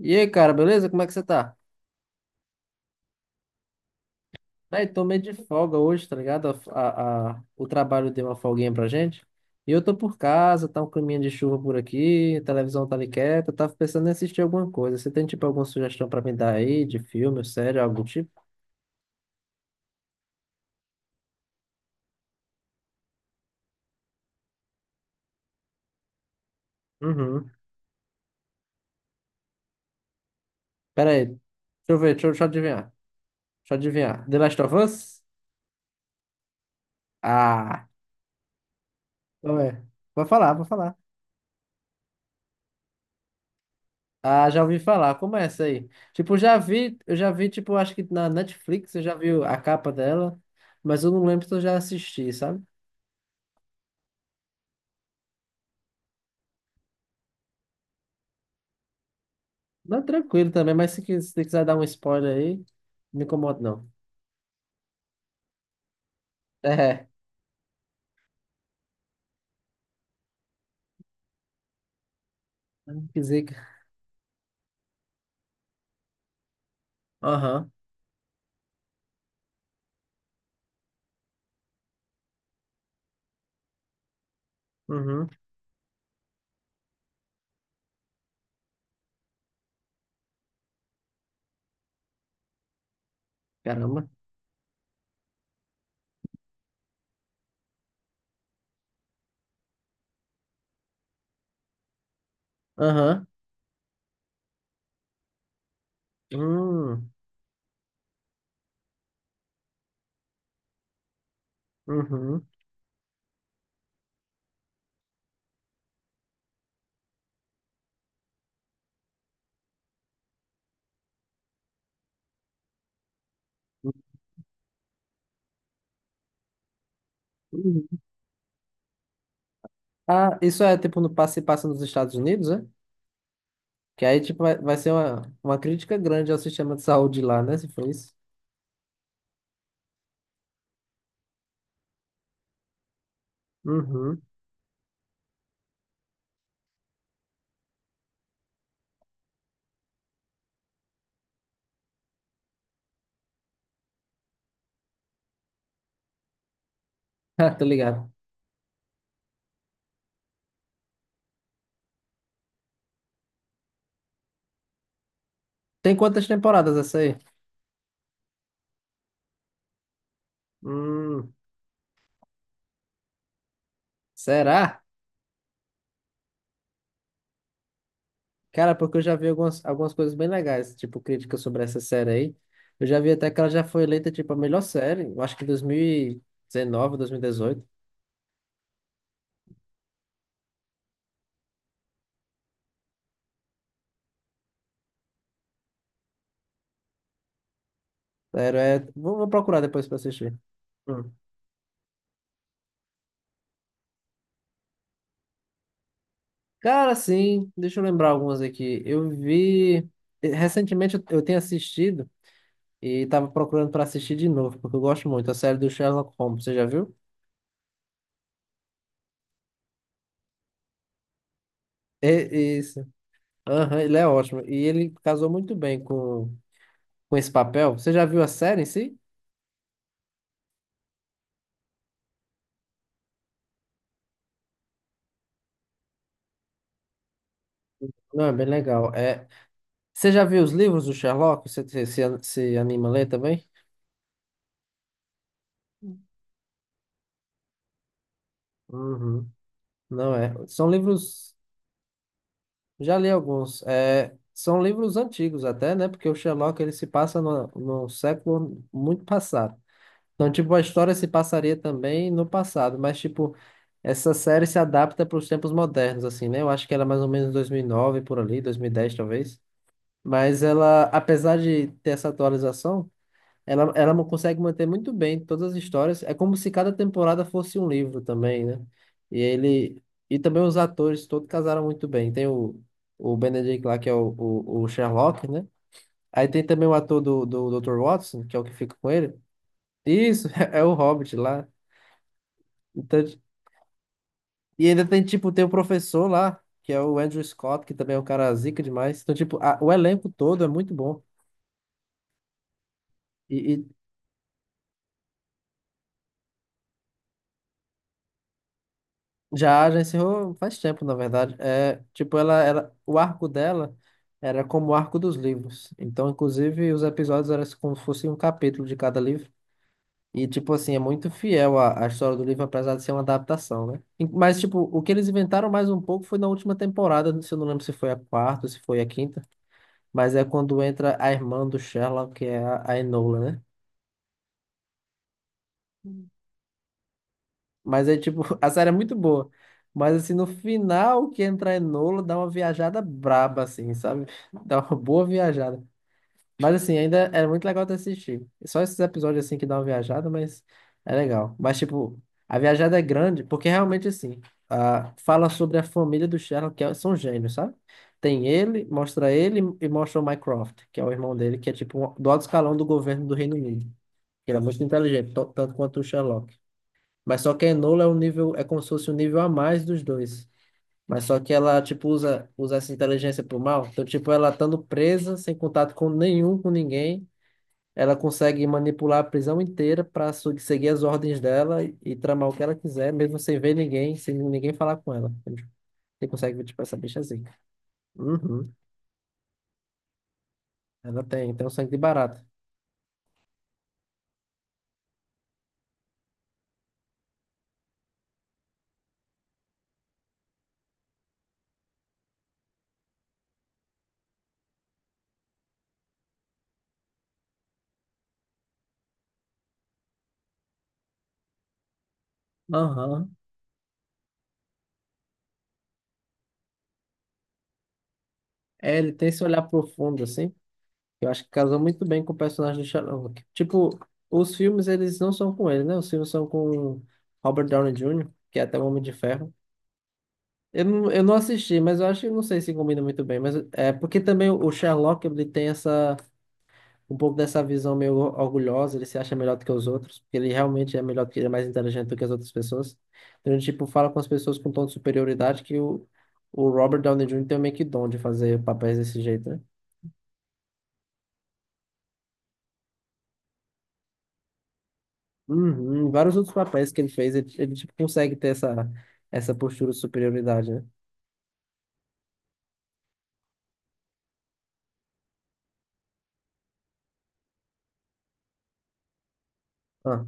E aí, cara, beleza? Como é que você tá? Aí, tô meio de folga hoje, tá ligado? O trabalho deu uma folguinha pra gente. E eu tô por casa, tá um caminho de chuva por aqui, a televisão tá ali quieta, eu tava pensando em assistir alguma coisa. Você tem, tipo, alguma sugestão pra me dar aí, de filme, série, algo do tipo? Uhum. Pera aí, deixa eu ver, deixa eu adivinhar. Deixa eu adivinhar. The Last of Us? Ah, qual é? Vou falar, vou falar. Ah, já ouvi falar. Como é essa aí? Tipo, eu já vi, tipo, acho que na Netflix eu já vi a capa dela, mas eu não lembro se eu já assisti, sabe? Mas tranquilo também, mas se quiser dar um spoiler aí, não me incomoda não. É, que zica. Aham, uhum, caramba. Aham, hum, uhum, uhum. Ah, isso é tipo no passe passa nos Estados Unidos, né? Que aí, tipo, vai ser uma crítica grande ao sistema de saúde lá, né? Se for isso. Uhum, ah, tô ligado. Tem quantas temporadas essa aí? Hum, será? Cara, porque eu já vi algumas coisas bem legais, tipo, críticas sobre essa série aí. Eu já vi até que ela já foi eleita, tipo, a melhor série, eu acho que em 2019, 2018. Sério, é, Vou procurar depois pra assistir. Hum. Cara, sim, deixa eu lembrar algumas aqui. Eu vi... Recentemente eu tenho assistido e tava procurando pra assistir de novo, porque eu gosto muito. A série do Sherlock Holmes, você já viu? É, isso. Aham, ele é ótimo. E ele casou muito bem com esse papel. Você já viu a série em si? Não, é bem legal. É, você já viu os livros do Sherlock? Se anima a ler também? Uhum. Não é. São livros. Já li alguns. É, são livros antigos até, né? Porque o Sherlock ele se passa no século muito passado. Então, tipo, a história se passaria também no passado, mas, tipo, essa série se adapta para os tempos modernos, assim, né? Eu acho que era mais ou menos 2009, por ali, 2010 talvez. Mas ela, apesar de ter essa atualização, consegue manter muito bem todas as histórias. É como se cada temporada fosse um livro também, né? E ele e também os atores todos casaram muito bem. Tem o Benedict lá que é o Sherlock, né? Aí tem também o ator do Dr. Watson, que é o que fica com ele. Isso, é o Hobbit lá. Então, e ainda tem tipo tem o professor lá, que é o Andrew Scott, que também é um cara zica demais. Então tipo, o elenco todo é muito bom. E, já encerrou faz tempo, na verdade. É, tipo, o arco dela era como o arco dos livros. Então, inclusive, os episódios eram como se fosse um capítulo de cada livro. E, tipo assim, é muito fiel à história do livro, apesar de ser uma adaptação, né? Mas, tipo, o que eles inventaram mais um pouco foi na última temporada, se eu não lembro se foi a quarta ou se foi a quinta, mas é quando entra a irmã do Sherlock, que é a Enola, né? Mas é tipo, a série é muito boa. Mas assim, no final que entra Enola, dá uma viajada braba, assim, sabe? Dá uma boa viajada. Mas assim, ainda é muito legal de assistir. Só esses episódios assim que dá uma viajada, mas é legal. Mas tipo, a viajada é grande, porque realmente assim, ah, fala sobre a família do Sherlock, são gênios, sabe? Tem ele, mostra ele e mostra o Mycroft, que é o irmão dele, que é tipo do alto escalão do governo do Reino Unido. Ele é muito inteligente, tanto quanto o Sherlock. Mas só que a Enola é um nível, é como se fosse um nível a mais dos dois. Mas só que ela, tipo, usa essa inteligência pro mal. Então, tipo, ela estando presa, sem contato com nenhum, com ninguém, ela consegue manipular a prisão inteira para seguir as ordens dela e, tramar o que ela quiser, mesmo sem ver ninguém, sem ninguém falar com ela. Entende? Você consegue ver, tipo, essa bicha zica. Uhum. Ela tem um sangue de barata. Aham. É, ele tem esse olhar profundo, assim. Eu acho que casou muito bem com o personagem do Sherlock. Tipo, os filmes, eles não são com ele, né? Os filmes são com Robert Downey Jr., que é até o Homem de Ferro. Eu não assisti, mas eu acho que não sei se combina muito bem. Mas é porque também o Sherlock, ele tem um pouco dessa visão meio orgulhosa, ele se acha melhor do que os outros, porque ele realmente é melhor, do que ele é mais inteligente do que as outras pessoas. Então ele, tipo, fala com as pessoas com um tom de superioridade que o Robert Downey Jr. tem meio que dom de fazer papéis desse jeito, né? Uhum, vários outros papéis que ele fez, ele tipo, consegue ter essa postura de superioridade, né? Ah.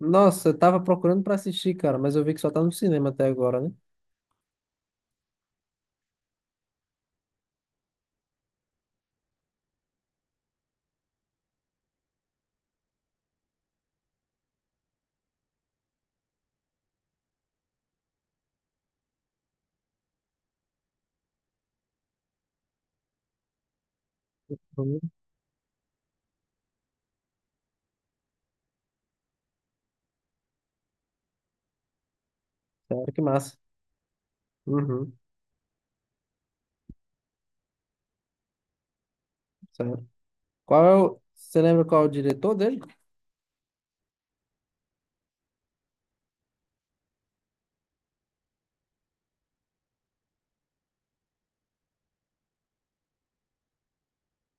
Nossa, eu tava procurando pra assistir, cara, mas eu vi que só tá no cinema até agora, né? Uhum. Sério, que massa. Uhum, sério. Qual é o... Você lembra qual é o diretor dele?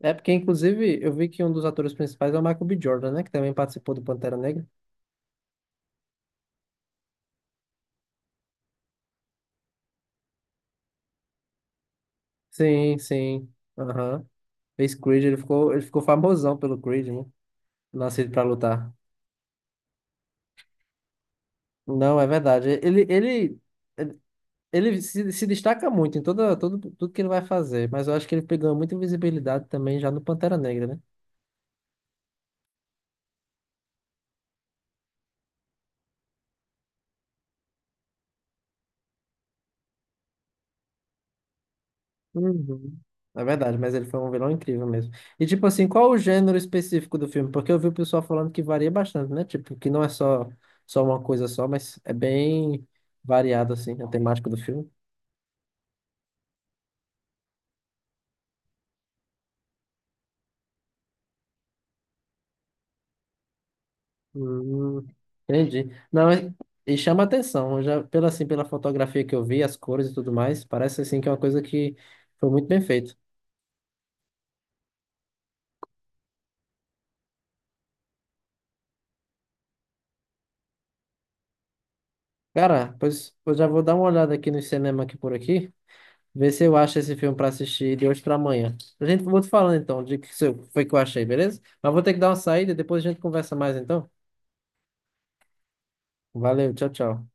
É porque, inclusive, eu vi que um dos atores principais é o Michael B. Jordan, né? Que também participou do Pantera Negra. Sim, sim. Aham. Fez Creed, ele ficou famosão pelo Creed, né? Nascido pra lutar. Não, é verdade. Ele se destaca muito em toda, todo, tudo que ele vai fazer, mas eu acho que ele pegou muita visibilidade também já no Pantera Negra, né? Uhum. É verdade, mas ele foi um vilão incrível mesmo. E tipo assim, qual o gênero específico do filme? Porque eu vi o pessoal falando que varia bastante, né? Tipo, que não é só, uma coisa só, mas é bem variado assim, a temática do filme. Hum, entendi. Não, e chama atenção, eu já pela fotografia que eu vi, as cores e tudo mais, parece assim que é uma coisa que foi muito bem feito. Cara, pois eu já vou dar uma olhada aqui no cinema aqui por aqui. Vê se eu acho esse filme pra assistir de hoje pra amanhã. A gente vou te falando então de que se eu- foi que eu achei, beleza? Mas vou ter que dar uma saída, depois a gente conversa mais então. Valeu, tchau, tchau.